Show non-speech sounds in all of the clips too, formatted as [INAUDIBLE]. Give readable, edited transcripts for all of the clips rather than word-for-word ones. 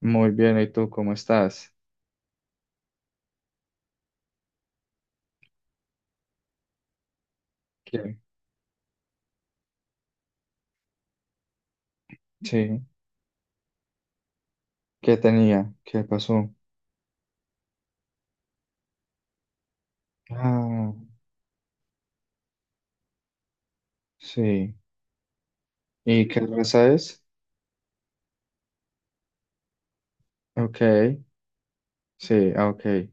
Muy bien, ¿y tú cómo estás? ¿Qué? Sí, ¿qué tenía? ¿Qué pasó? Ah, sí. ¿Y qué raza es? Ok, sí, ah, ok,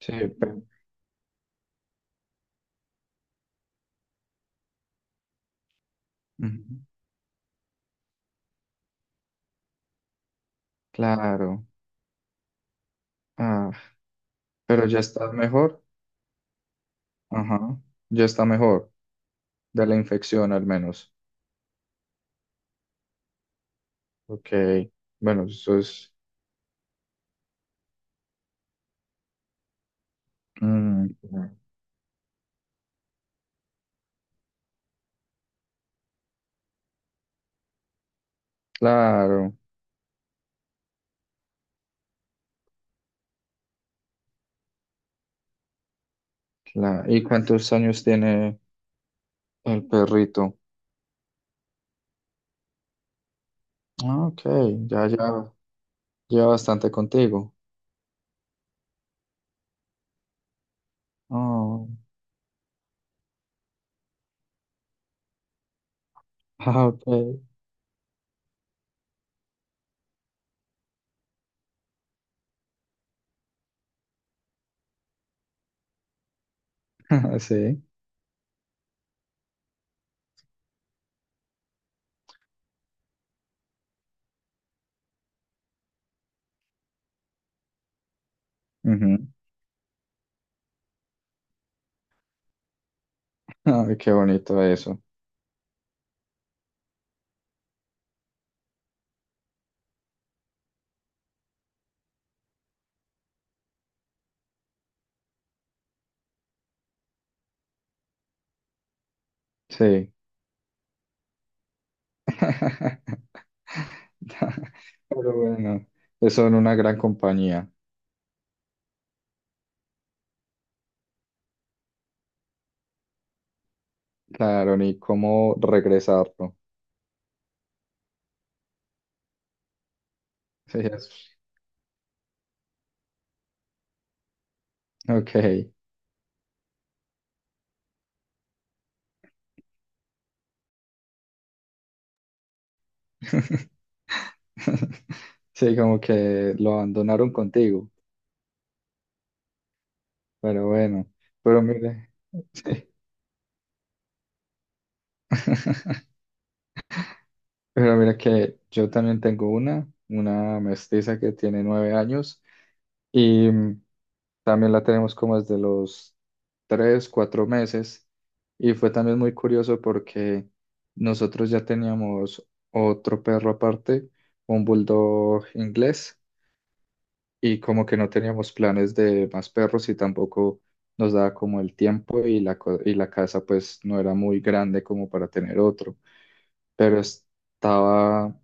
sí, pe- ujú, claro. Ah, pero ya está mejor. Ajá, ya está mejor, de la infección al menos. Ok, bueno, eso es. Mm, claro, claro. ¿Y cuántos años tiene el perrito? Ah, ok, ya, ya, lleva bastante contigo. Ah, ah, ok. [LAUGHS] Sí. Ujú. Ay, qué bonito eso. Sí. [LAUGHS] Pero bueno, eso en una gran compañía. Claro, ni cómo regresarlo. Sí, ok. [LAUGHS] Sí, como que lo abandonaron contigo. Pero bueno, pero mire. [LAUGHS] Sí. [LAUGHS] Pero mira que yo también tengo una mestiza que tiene 9 años. Y también la tenemos como desde los 3, 4 meses. Y fue también muy curioso porque nosotros ya teníamos otro perro aparte, un bulldog inglés, y como que no teníamos planes de más perros y tampoco nos daba como el tiempo y y la casa pues no era muy grande como para tener otro. Pero estaba.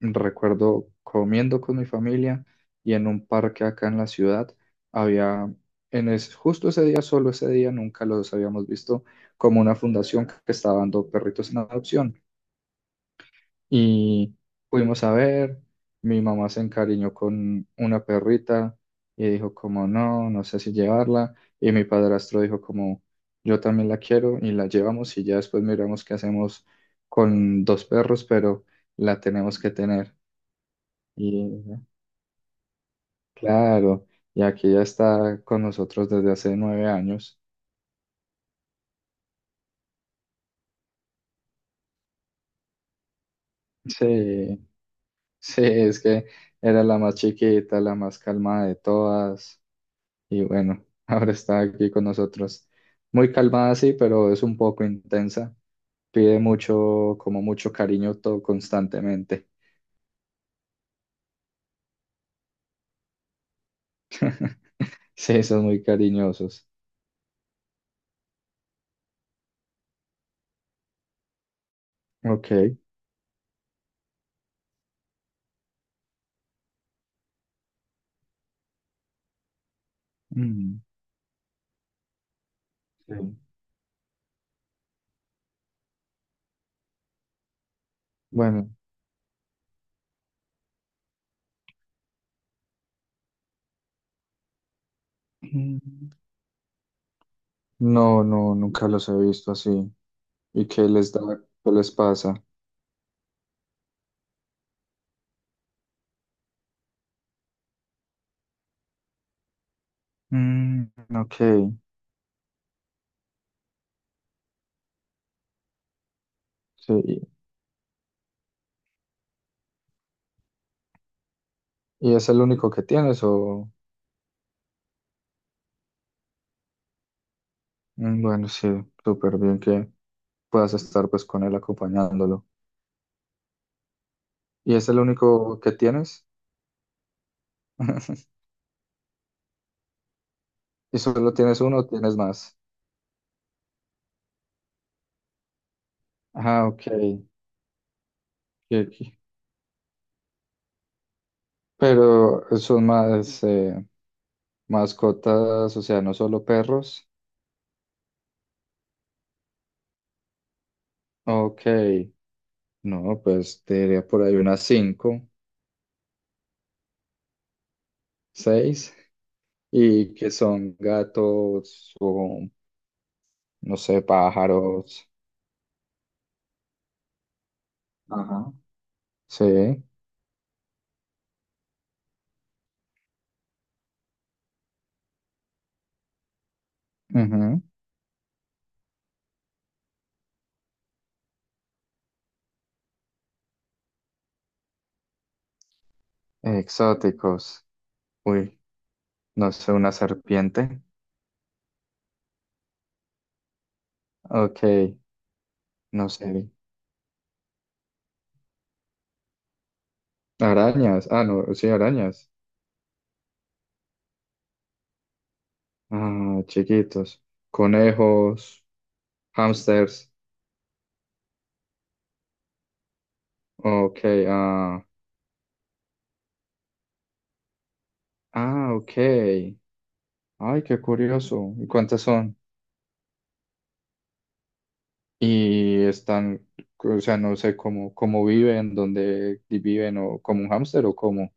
Recuerdo comiendo con mi familia y en un parque acá en la ciudad había, justo ese día, solo ese día, nunca los habíamos visto, como una fundación que estaba dando perritos en adopción. Y fuimos a ver, mi mamá se encariñó con una perrita y dijo como no, no sé si llevarla. Y mi padrastro dijo como yo también la quiero y la llevamos y ya después miramos qué hacemos con dos perros, pero la tenemos que tener. Y, claro, y aquí ya está con nosotros desde hace 9 años. Sí, sí, es que era la más chiquita, la más calmada de todas, y bueno, [LAUGHS] ahora está aquí con nosotros. Muy calmada, sí, pero es un poco intensa. Pide mucho, como mucho cariño todo constantemente. [LAUGHS] Sí, son muy cariñosos. Ok. Mm, sí. Bueno, mm, no, no, nunca los he visto así. ¿Y qué les da? ¿Qué les pasa? Mm, ok, sí. ¿Y es el único que tienes o...? Mm, bueno, sí, súper bien que puedas estar pues con él acompañándolo. ¿Y es el único que tienes? [LAUGHS] ¿Y solo tienes uno o tienes más? Ah, ok. Ok. Ok. Pero son más mascotas, o sea, no solo perros. Ok. No, pues te diría por ahí unas cinco, seis. Y que son gatos o, no sé, pájaros. Ajá. Sí. Ujú. Exóticos. Uy, no sé, una serpiente. Ok, no sé. Arañas. Ah, no, sí, arañas. Ah, chiquitos. Conejos, hamsters, ok, ah. Ah, ok. Ay, qué curioso. ¿Y cuántas son? Y están, o sea, no sé cómo, cómo viven, dónde viven, o como un hámster o cómo.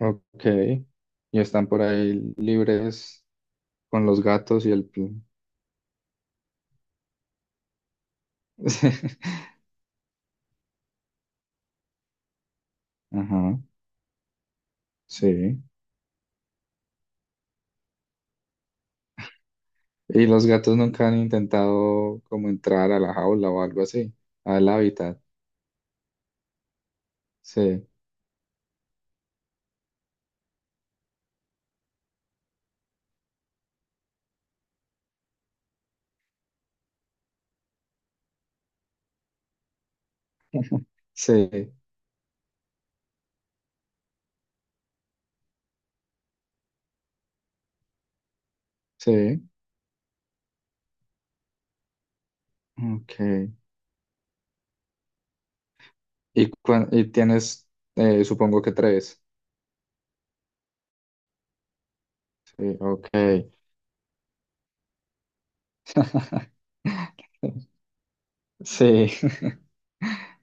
Ok. Y están por ahí libres con los gatos y [LAUGHS] ajá, sí. Y los gatos nunca han intentado como entrar a la jaula o algo así, al hábitat. Sí, sí, sí. Ok. Y, y tienes, supongo que tres. Sí, ok. [LAUGHS] Sí. [LAUGHS]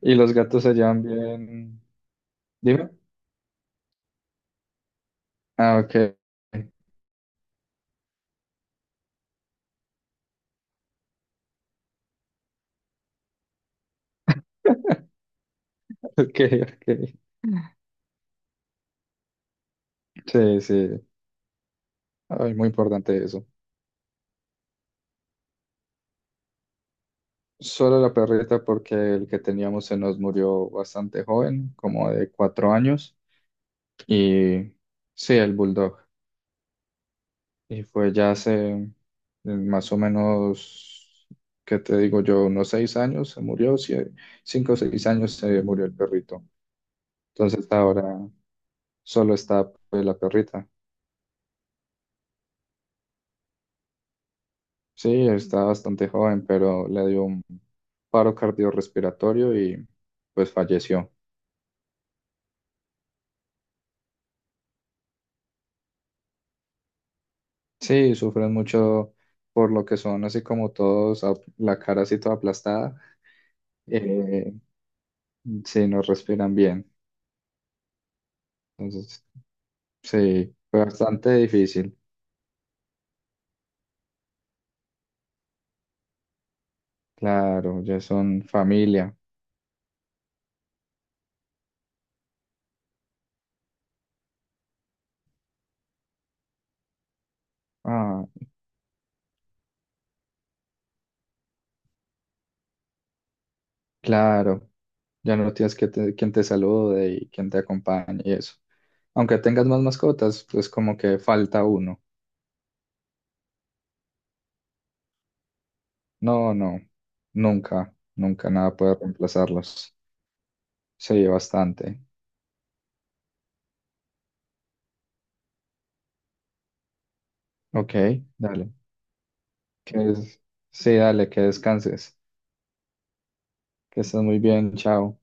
Y los gatos se llevan bien. Dime. Ah, ok. [LAUGHS] Ok, ok. Sí, sí. Ay, muy importante eso. Solo la perrita porque el que teníamos se nos murió bastante joven, como de 4 años, y sí, el bulldog. Y fue ya hace más o menos, ¿qué te digo yo? Unos 6 años se murió, 5 o 6 años se murió el perrito. Entonces ahora solo está pues, la perrita. Sí, está bastante joven, pero le dio un paro cardiorrespiratorio y pues falleció. Sí, sufren mucho por lo que son así como todos, la cara así toda aplastada, eh, sí, no respiran bien. Entonces, sí, fue bastante difícil. Claro, ya son familia. Ah, claro, ya no tienes que quien te salude y quien te acompañe y eso. Aunque tengas más mascotas, pues como que falta uno. No, no, nunca, nunca nada puede reemplazarlos. Sí, bastante. Ok, dale. Que es, sí, dale, que descanses. Que estés muy bien, chao.